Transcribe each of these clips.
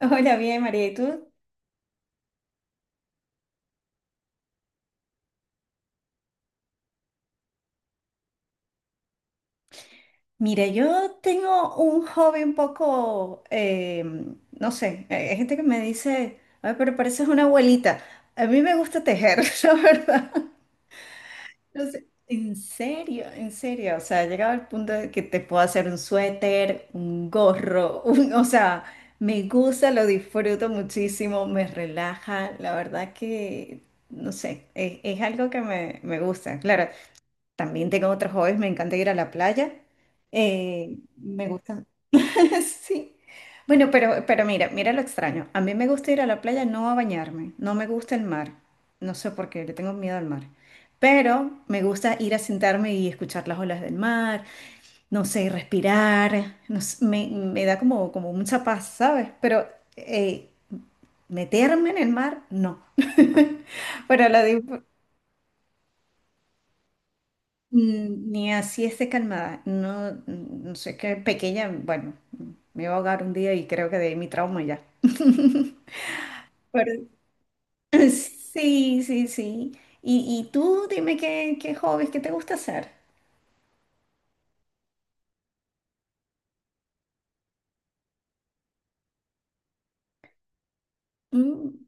Hola, bien, María, ¿y tú? Mira, yo tengo un hobby un poco, no sé, hay gente que me dice, ay, pero pareces una abuelita. A mí me gusta tejer, la verdad. No sé, en serio, en serio. O sea, he llegado al punto de que te puedo hacer un suéter, un gorro, o sea, me gusta, lo disfruto muchísimo, me relaja. La verdad que, no sé, es algo que me gusta. Claro, también tengo otros hobbies, me encanta ir a la playa. Me gusta. Sí. Bueno, pero mira, mira lo extraño. A mí me gusta ir a la playa no a bañarme, no me gusta el mar. No sé por qué, le tengo miedo al mar. Pero me gusta ir a sentarme y escuchar las olas del mar, no sé, respirar. No sé, me da como, como mucha paz, ¿sabes? Pero eh, meterme en el mar, no. Pero lo, disfr- Ni así esté calmada. No, no sé qué pequeña, bueno, me iba a ahogar un día y creo que de ahí mi trauma ya. Pero- Sí, sí, sí. Y tú dime qué, qué hobbies, qué te gusta hacer. Mm,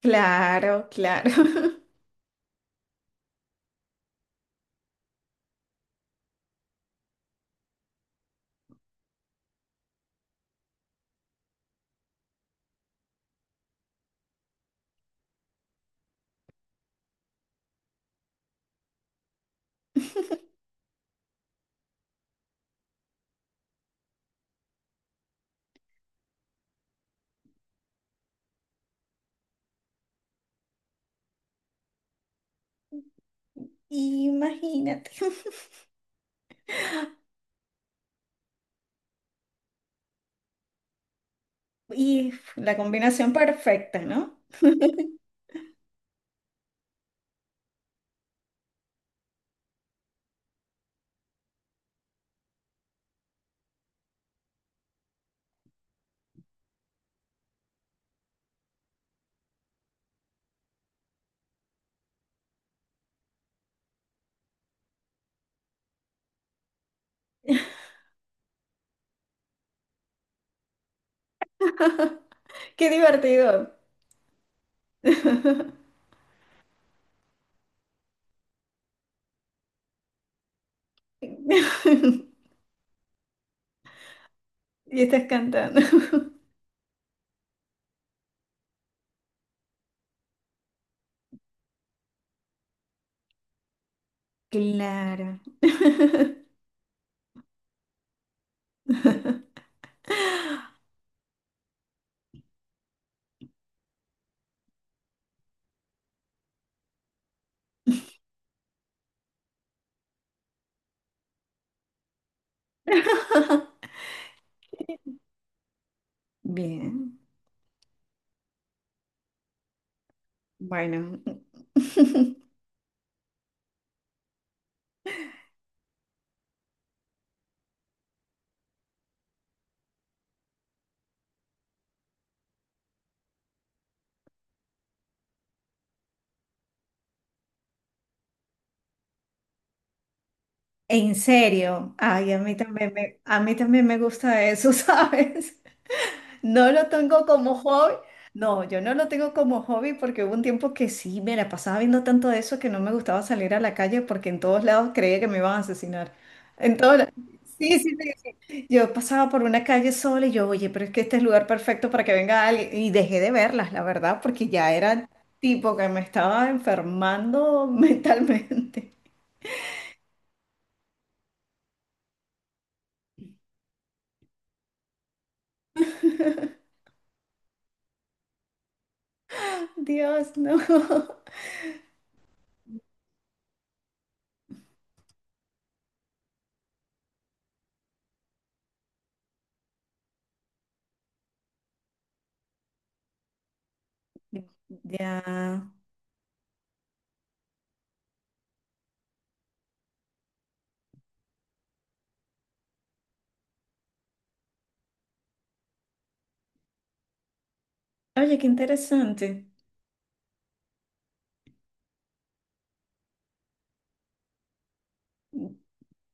claro, claro. Imagínate. Y la combinación perfecta, ¿no? Qué divertido. Y estás cantando. Claro. Bien, bueno, en serio, ay, a mí también a mí también me gusta eso, ¿sabes? No lo tengo como hobby, no, yo no lo tengo como hobby porque hubo un tiempo que sí, me la pasaba viendo tanto de eso que no me gustaba salir a la calle porque en todos lados creía que me iban a asesinar. En todos la- sí, sí, sí. Yo pasaba por una calle sola y yo, oye, pero es que este es el lugar perfecto para que venga alguien. Y dejé de verlas, la verdad, porque ya era tipo que me estaba enfermando mentalmente. Dios, no. Ya. Oye, qué interesante.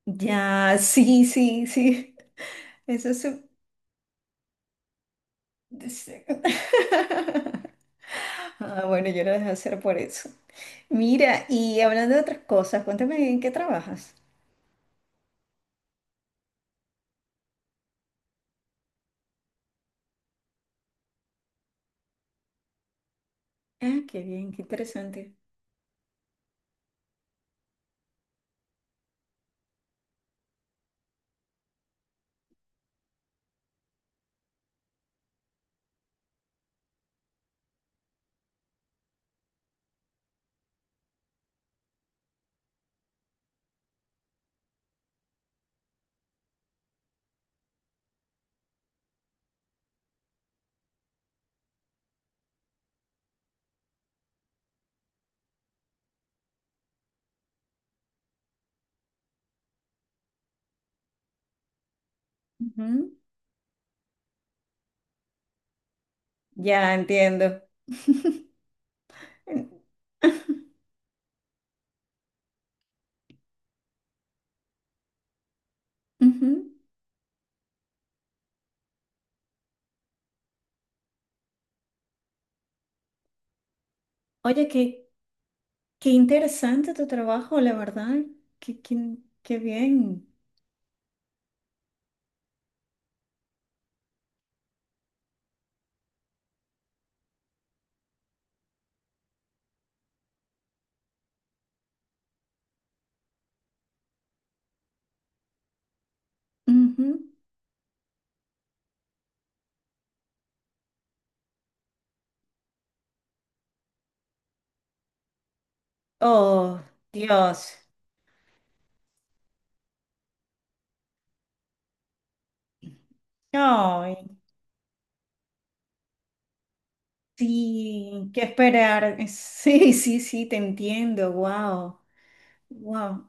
Ya, sí, sí, sí. Eso es... sí. Ah, bueno, yo lo dejé hacer por eso. Mira, y hablando de otras cosas, cuéntame en qué trabajas. Ah, qué bien, qué interesante. Ujú. Ya entiendo. Ujú. Oye, qué interesante tu trabajo, la verdad. Qué, qué- qué bien. Ujú. Oh, Dios. Ay, sí, qué esperar. Sí, sí, sí, te entiendo. Wow. Wow.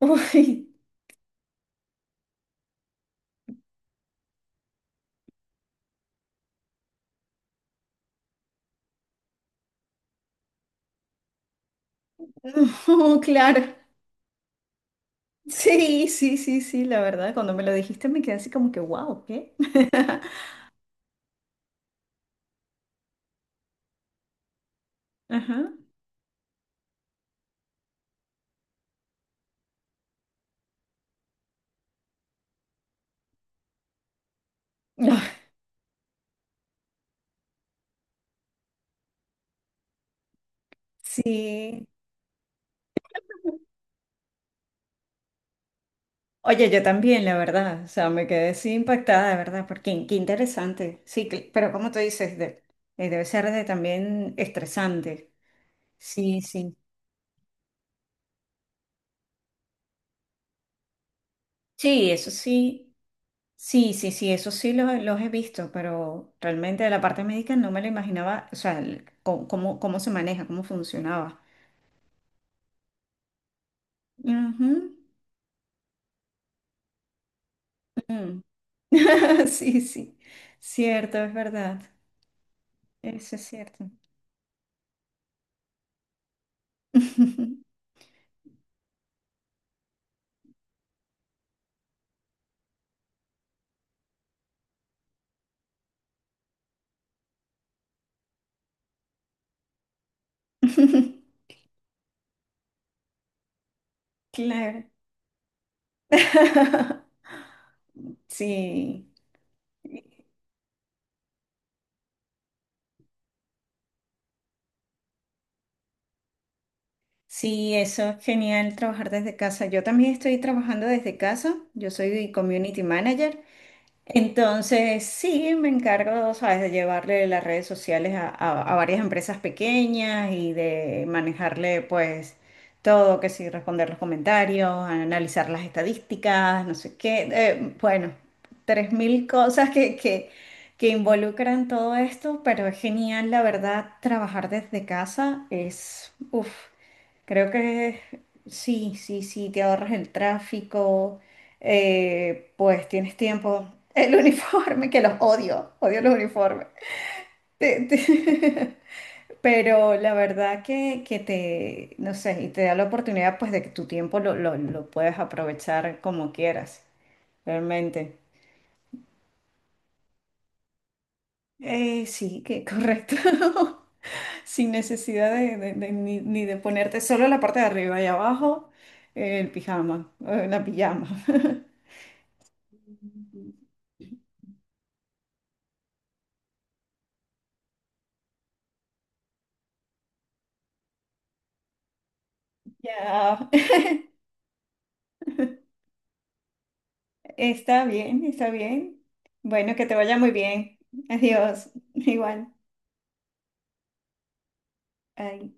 Uy, no, claro. Sí, sí, sí, sí, la verdad. Cuando me lo dijiste me quedé así como que, wow, ¿qué? Ajá. Ah, sí. Oye, yo también, la verdad, o sea, me quedé así impactada, de verdad, porque qué qué interesante. Pero como tú dices, debe ser de también estresante. Sí, sí. Sí, eso sí, sí, sí, sí, eso sí los he visto, pero realmente de la parte médica no me lo imaginaba, o sea, cómo, cómo se maneja, cómo funcionaba. Ujú, ujú. Sí, sí, cierto, es verdad, eso es cierto. Claro. Sí, sí, eso es genial trabajar desde casa. Yo también estoy trabajando desde casa. Yo soy community manager. Entonces, sí, me encargo, ¿sabes?, de llevarle las redes sociales a, a varias empresas pequeñas y de manejarle, pues, todo, que sí, responder los comentarios, analizar las estadísticas, no sé qué. Bueno, 3.000 cosas que involucran todo esto, pero es genial, la verdad, trabajar desde casa es, uff. Creo que sí, sí, sí, te ahorras el tráfico, pues tienes tiempo. El uniforme, que los odio, odio los uniformes. Te- te- Pero la verdad que te, no sé, y te da la oportunidad pues de que tu tiempo lo puedes aprovechar como quieras, realmente. Sí, que correcto. Sin necesidad de ni, ni de ponerte solo la parte de arriba y abajo, el pijama, la pijama. Ya, está bien, está bien. Bueno, que te vaya muy bien. Adiós. Igual. Ay.